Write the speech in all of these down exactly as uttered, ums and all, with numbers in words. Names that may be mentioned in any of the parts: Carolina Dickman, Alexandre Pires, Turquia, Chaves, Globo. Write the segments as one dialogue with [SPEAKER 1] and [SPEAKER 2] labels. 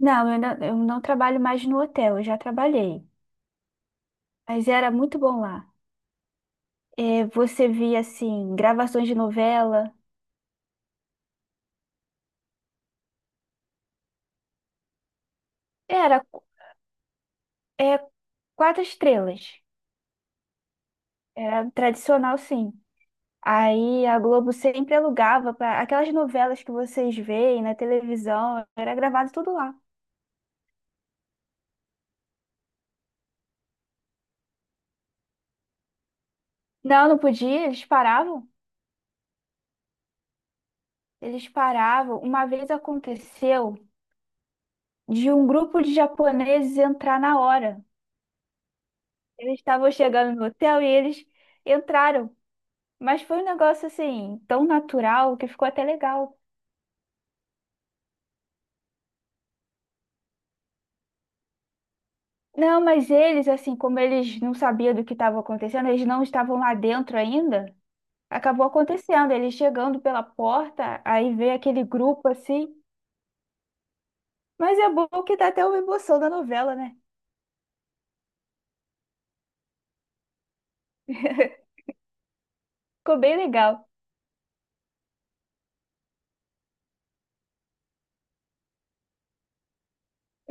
[SPEAKER 1] Não, eu, ainda- eu não trabalho mais no hotel, eu já trabalhei. Mas era muito bom lá. É, você via, assim, gravações de novela. Era, é, quatro estrelas. Era tradicional, sim. Aí a Globo sempre alugava para aquelas novelas que vocês veem na televisão, era gravado tudo lá. Não, não podia, eles paravam. Eles paravam. Uma vez aconteceu de um grupo de japoneses entrar na hora. Eles estavam chegando no hotel e eles entraram. Mas foi um negócio assim, tão natural que ficou até legal. Não, mas eles, assim, como eles não sabiam do que estava acontecendo, eles não estavam lá dentro ainda, acabou acontecendo. Eles chegando pela porta, aí vê aquele grupo assim. Mas é bom que dá até uma emoção da novela, né? Ficou bem legal.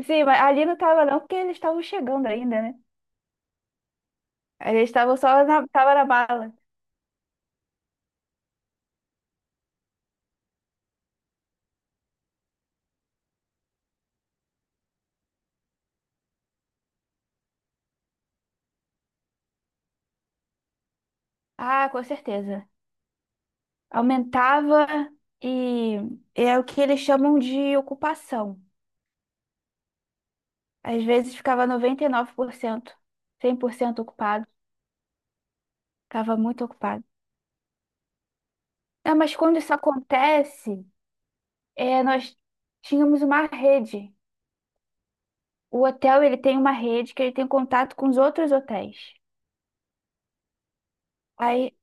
[SPEAKER 1] Sim, mas ali não tava não, porque eles estavam chegando ainda, né? Eles estavam só na, tava na bala. Ah, com certeza. Aumentava e é o que eles chamam de ocupação. Às vezes ficava noventa e nove por cento, cem por cento ocupado. Ficava muito ocupado. É, mas quando isso acontece, é, nós tínhamos uma rede. O hotel, ele tem uma rede que ele tem contato com os outros hotéis. Aí,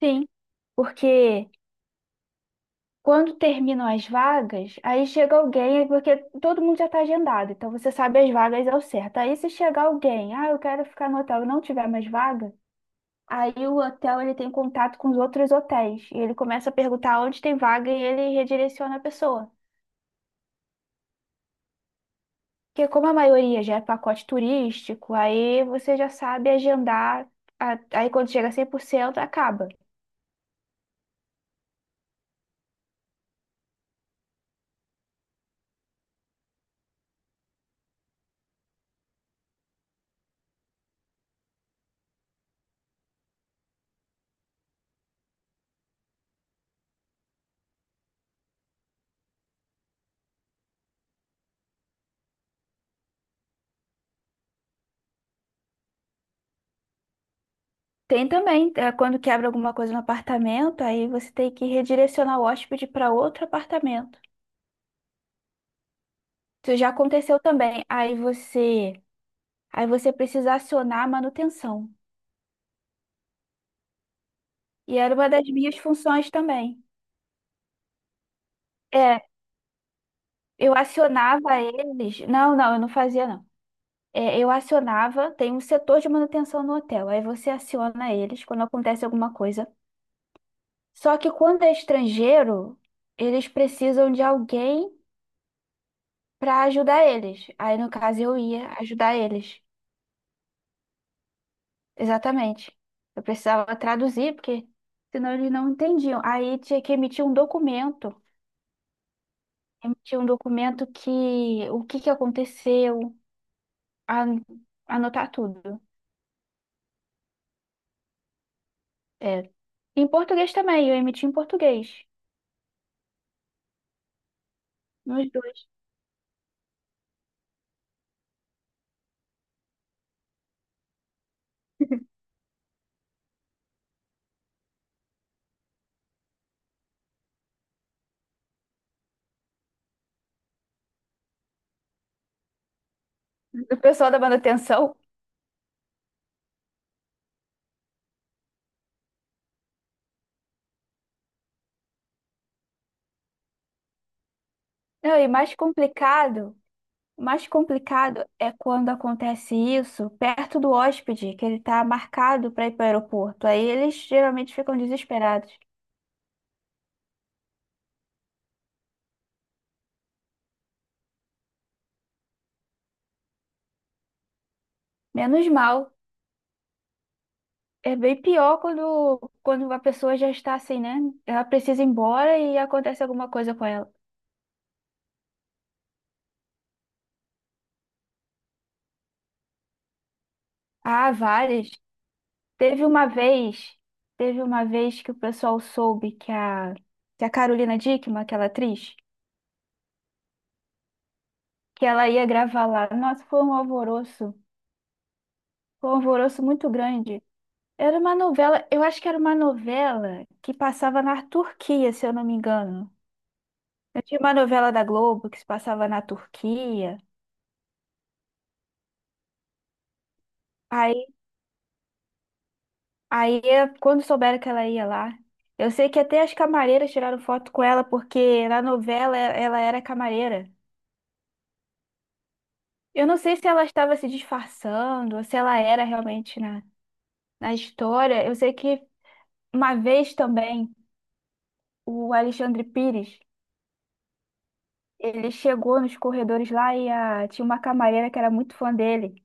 [SPEAKER 1] sim, porque quando terminam as vagas, aí chega alguém, é porque todo mundo já está agendado, então você sabe as vagas ao certo. Aí se chegar alguém, ah, eu quero ficar no hotel e não tiver mais vaga, aí o hotel ele tem contato com os outros hotéis e ele começa a perguntar onde tem vaga e ele redireciona a pessoa. Porque como a maioria já é pacote turístico, aí você já sabe agendar, a- aí quando chega a cem por cento acaba. Tem também, é, quando quebra alguma coisa no apartamento, aí você tem que redirecionar o hóspede para outro apartamento. Isso já aconteceu também. Aí você, aí você precisa acionar a manutenção. E era uma das minhas funções também. É. Eu acionava eles. Não, não, eu não fazia, não. É, eu acionava, tem um setor de manutenção no hotel. Aí você aciona eles quando acontece alguma coisa. Só que quando é estrangeiro, eles precisam de alguém para ajudar eles. Aí, no caso, eu ia ajudar eles. Exatamente. Eu precisava traduzir, porque senão eles não entendiam. Aí tinha que emitir um documento. Emitir um documento que o que que aconteceu, an- anotar tudo. É. Em português também, eu emiti em português. Nos dois. O pessoal da dando atenção. Não, e mais complicado, o mais complicado é quando acontece isso perto do hóspede, que ele tá marcado para ir para o aeroporto. Aí eles geralmente ficam desesperados. Menos mal. É bem pior quando, quando a pessoa já está assim, né? Ela precisa ir embora e acontece alguma coisa com ela. Ah, várias. Teve uma vez, teve uma vez que o pessoal soube que a, que a Carolina Dickman, aquela atriz, que ela ia gravar lá. Nossa, foi um alvoroço, foi um alvoroço muito grande. Era uma novela, eu acho que era uma novela que passava na Turquia, se eu não me engano. Eu tinha uma novela da Globo que se passava na Turquia. Aí, aí, quando souberam que ela ia lá, eu sei que até as camareiras tiraram foto com ela, porque na novela ela era camareira. Eu não sei se ela estava se disfarçando, ou se ela era realmente na, na história. Eu sei que uma vez também o Alexandre Pires, ele chegou nos corredores lá e a- tinha uma camareira que era muito fã dele.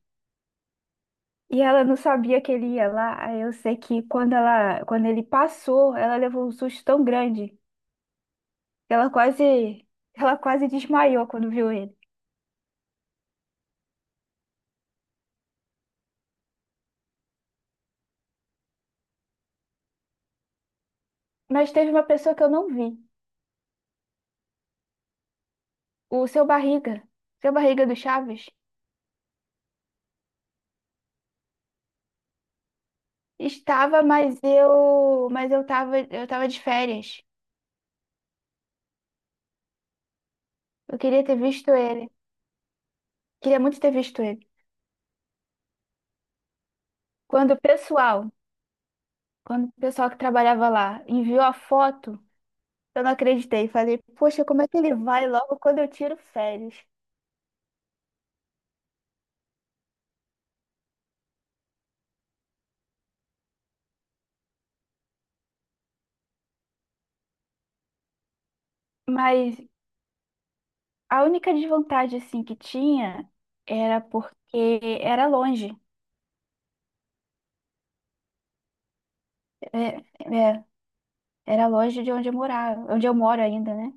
[SPEAKER 1] E ela não sabia que ele ia lá. Aí eu sei que quando ela, quando ele passou, ela levou um susto tão grande que ela quase, ela quase desmaiou quando viu ele. Mas teve uma pessoa que eu não vi, o seu Barriga, seu Barriga do Chaves. Estava, mas eu, mas eu tava, eu tava de férias. Eu queria ter visto ele. Queria muito ter visto ele. Quando o pessoal, quando o pessoal que trabalhava lá enviou a foto, eu não acreditei. Falei, poxa, como é que ele vai logo quando eu tiro férias? Mas a única desvantagem assim que tinha era porque era longe. É, é, era longe de onde eu morava, onde eu moro ainda, né?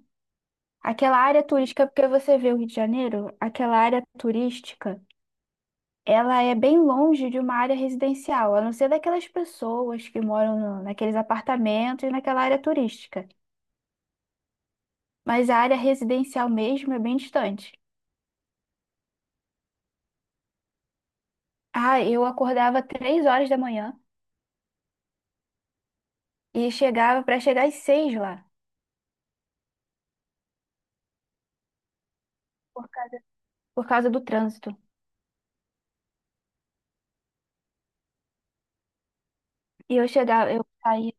[SPEAKER 1] Aquela área turística, porque você vê o Rio de Janeiro, aquela área turística ela é bem longe de uma área residencial, a não ser daquelas pessoas que moram no- naqueles apartamentos e naquela área turística. Mas a área residencial mesmo é bem distante. Ah, eu acordava três horas da manhã e chegava para chegar às seis lá, por causa por causa do trânsito. E eu chegava, eu saía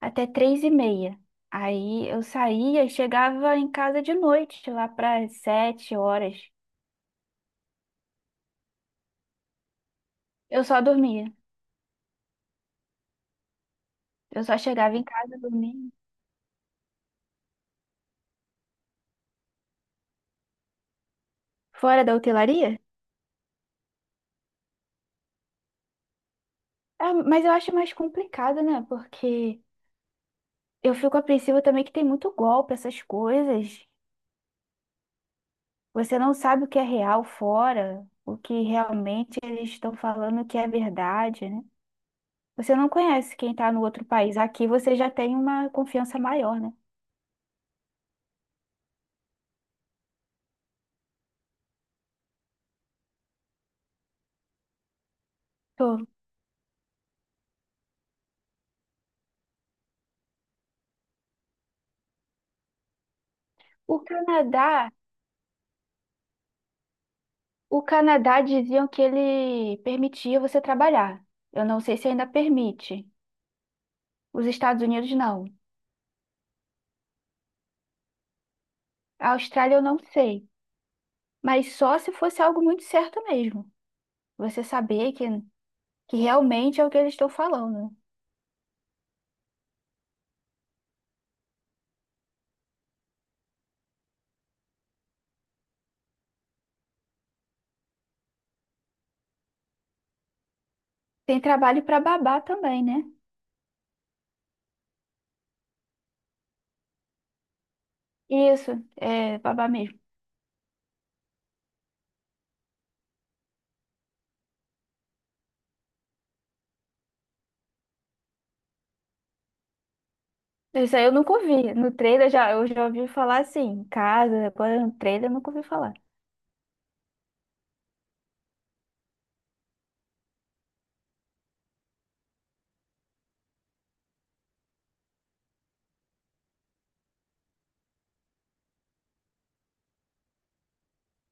[SPEAKER 1] até três e meia. Aí eu saía e chegava em casa de noite, lá para sete horas. Eu só dormia. Eu só chegava em casa, dormia. Fora da hotelaria? É, mas eu acho mais complicado, né? Porque eu fico apreensiva também que tem muito golpe, essas coisas. Você não sabe o que é real fora, o que realmente eles estão falando que é verdade, né? Você não conhece quem está no outro país. Aqui você já tem uma confiança maior, né? Tô. O Canadá, o Canadá diziam que ele permitia você trabalhar. Eu não sei se ainda permite. Os Estados Unidos não. A Austrália eu não sei. Mas só se fosse algo muito certo mesmo. Você saber que, que realmente é o que eles estão falando. Tem trabalho para babar também, né? Isso, é babar mesmo. Isso aí eu nunca ouvi. No trailer já, eu já ouvi falar assim, em casa, agora no trailer eu nunca ouvi falar.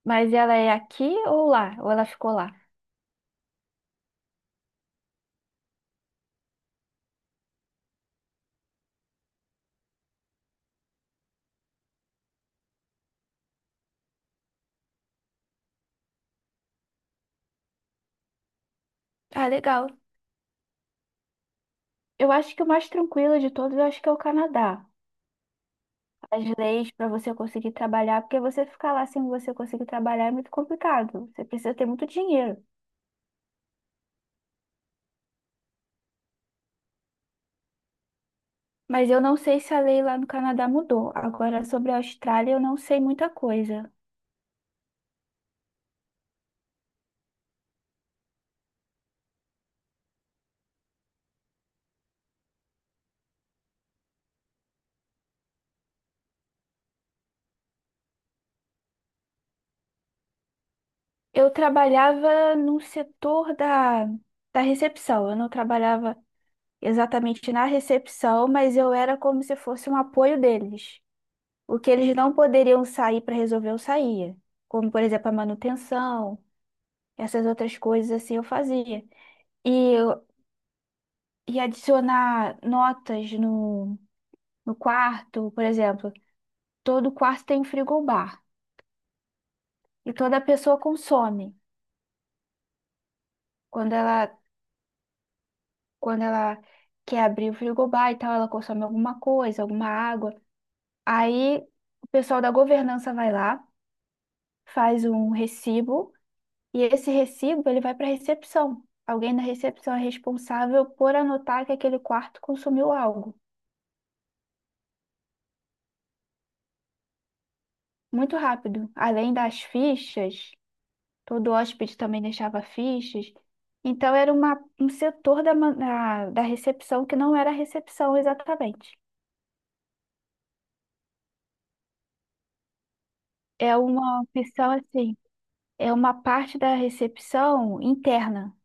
[SPEAKER 1] Mas ela é aqui ou lá? Ou ela ficou lá? Ah, legal. Eu acho que o mais tranquilo de todos, eu acho que é o Canadá. As leis para você conseguir trabalhar, porque você ficar lá sem você conseguir trabalhar é muito complicado. Você precisa ter muito dinheiro. Mas eu não sei se a lei lá no Canadá mudou. Agora, sobre a Austrália, eu não sei muita coisa. Eu trabalhava no setor da, da recepção. Eu não trabalhava exatamente na recepção, mas eu era como se fosse um apoio deles. O que eles não poderiam sair para resolver, eu saía. Como, por exemplo, a manutenção, essas outras coisas assim eu fazia. E, eu- e adicionar notas no, no quarto, por exemplo. Todo quarto tem um frigobar. E toda pessoa consome. Quando ela, quando ela quer abrir o frigobar e tal, ela consome alguma coisa, alguma água. Aí o pessoal da governança vai lá, faz um recibo, e esse recibo ele vai para a recepção. Alguém na recepção é responsável por anotar que aquele quarto consumiu algo. Muito rápido. Além das fichas, todo hóspede também deixava fichas. Então era uma, um setor da, ma- da da recepção que não era a recepção exatamente. É uma opção assim, é uma parte da recepção interna.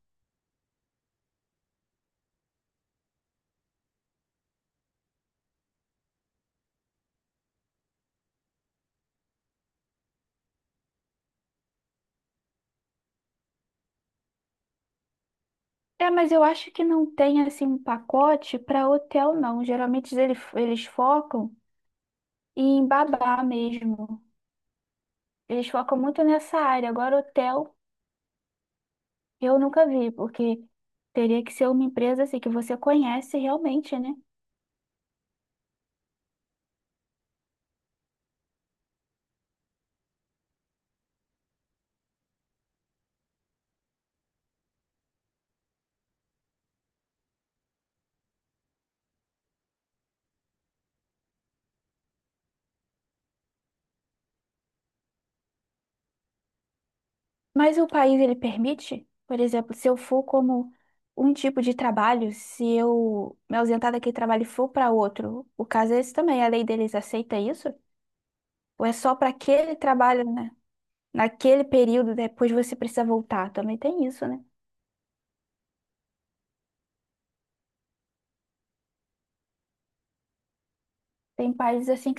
[SPEAKER 1] É, mas eu acho que não tem assim um pacote para hotel, não. Geralmente eles, eles focam em babá mesmo. Eles focam muito nessa área. Agora, hotel eu nunca vi, porque teria que ser uma empresa assim que você conhece realmente, né? Mas o país ele permite, por exemplo, se eu for como um tipo de trabalho, se eu me ausentar daquele trabalho e for para outro, o caso é esse também, a lei deles aceita isso? Ou é só para aquele trabalho, né? Naquele período, depois você precisa voltar? Também tem isso, né? Tem países assim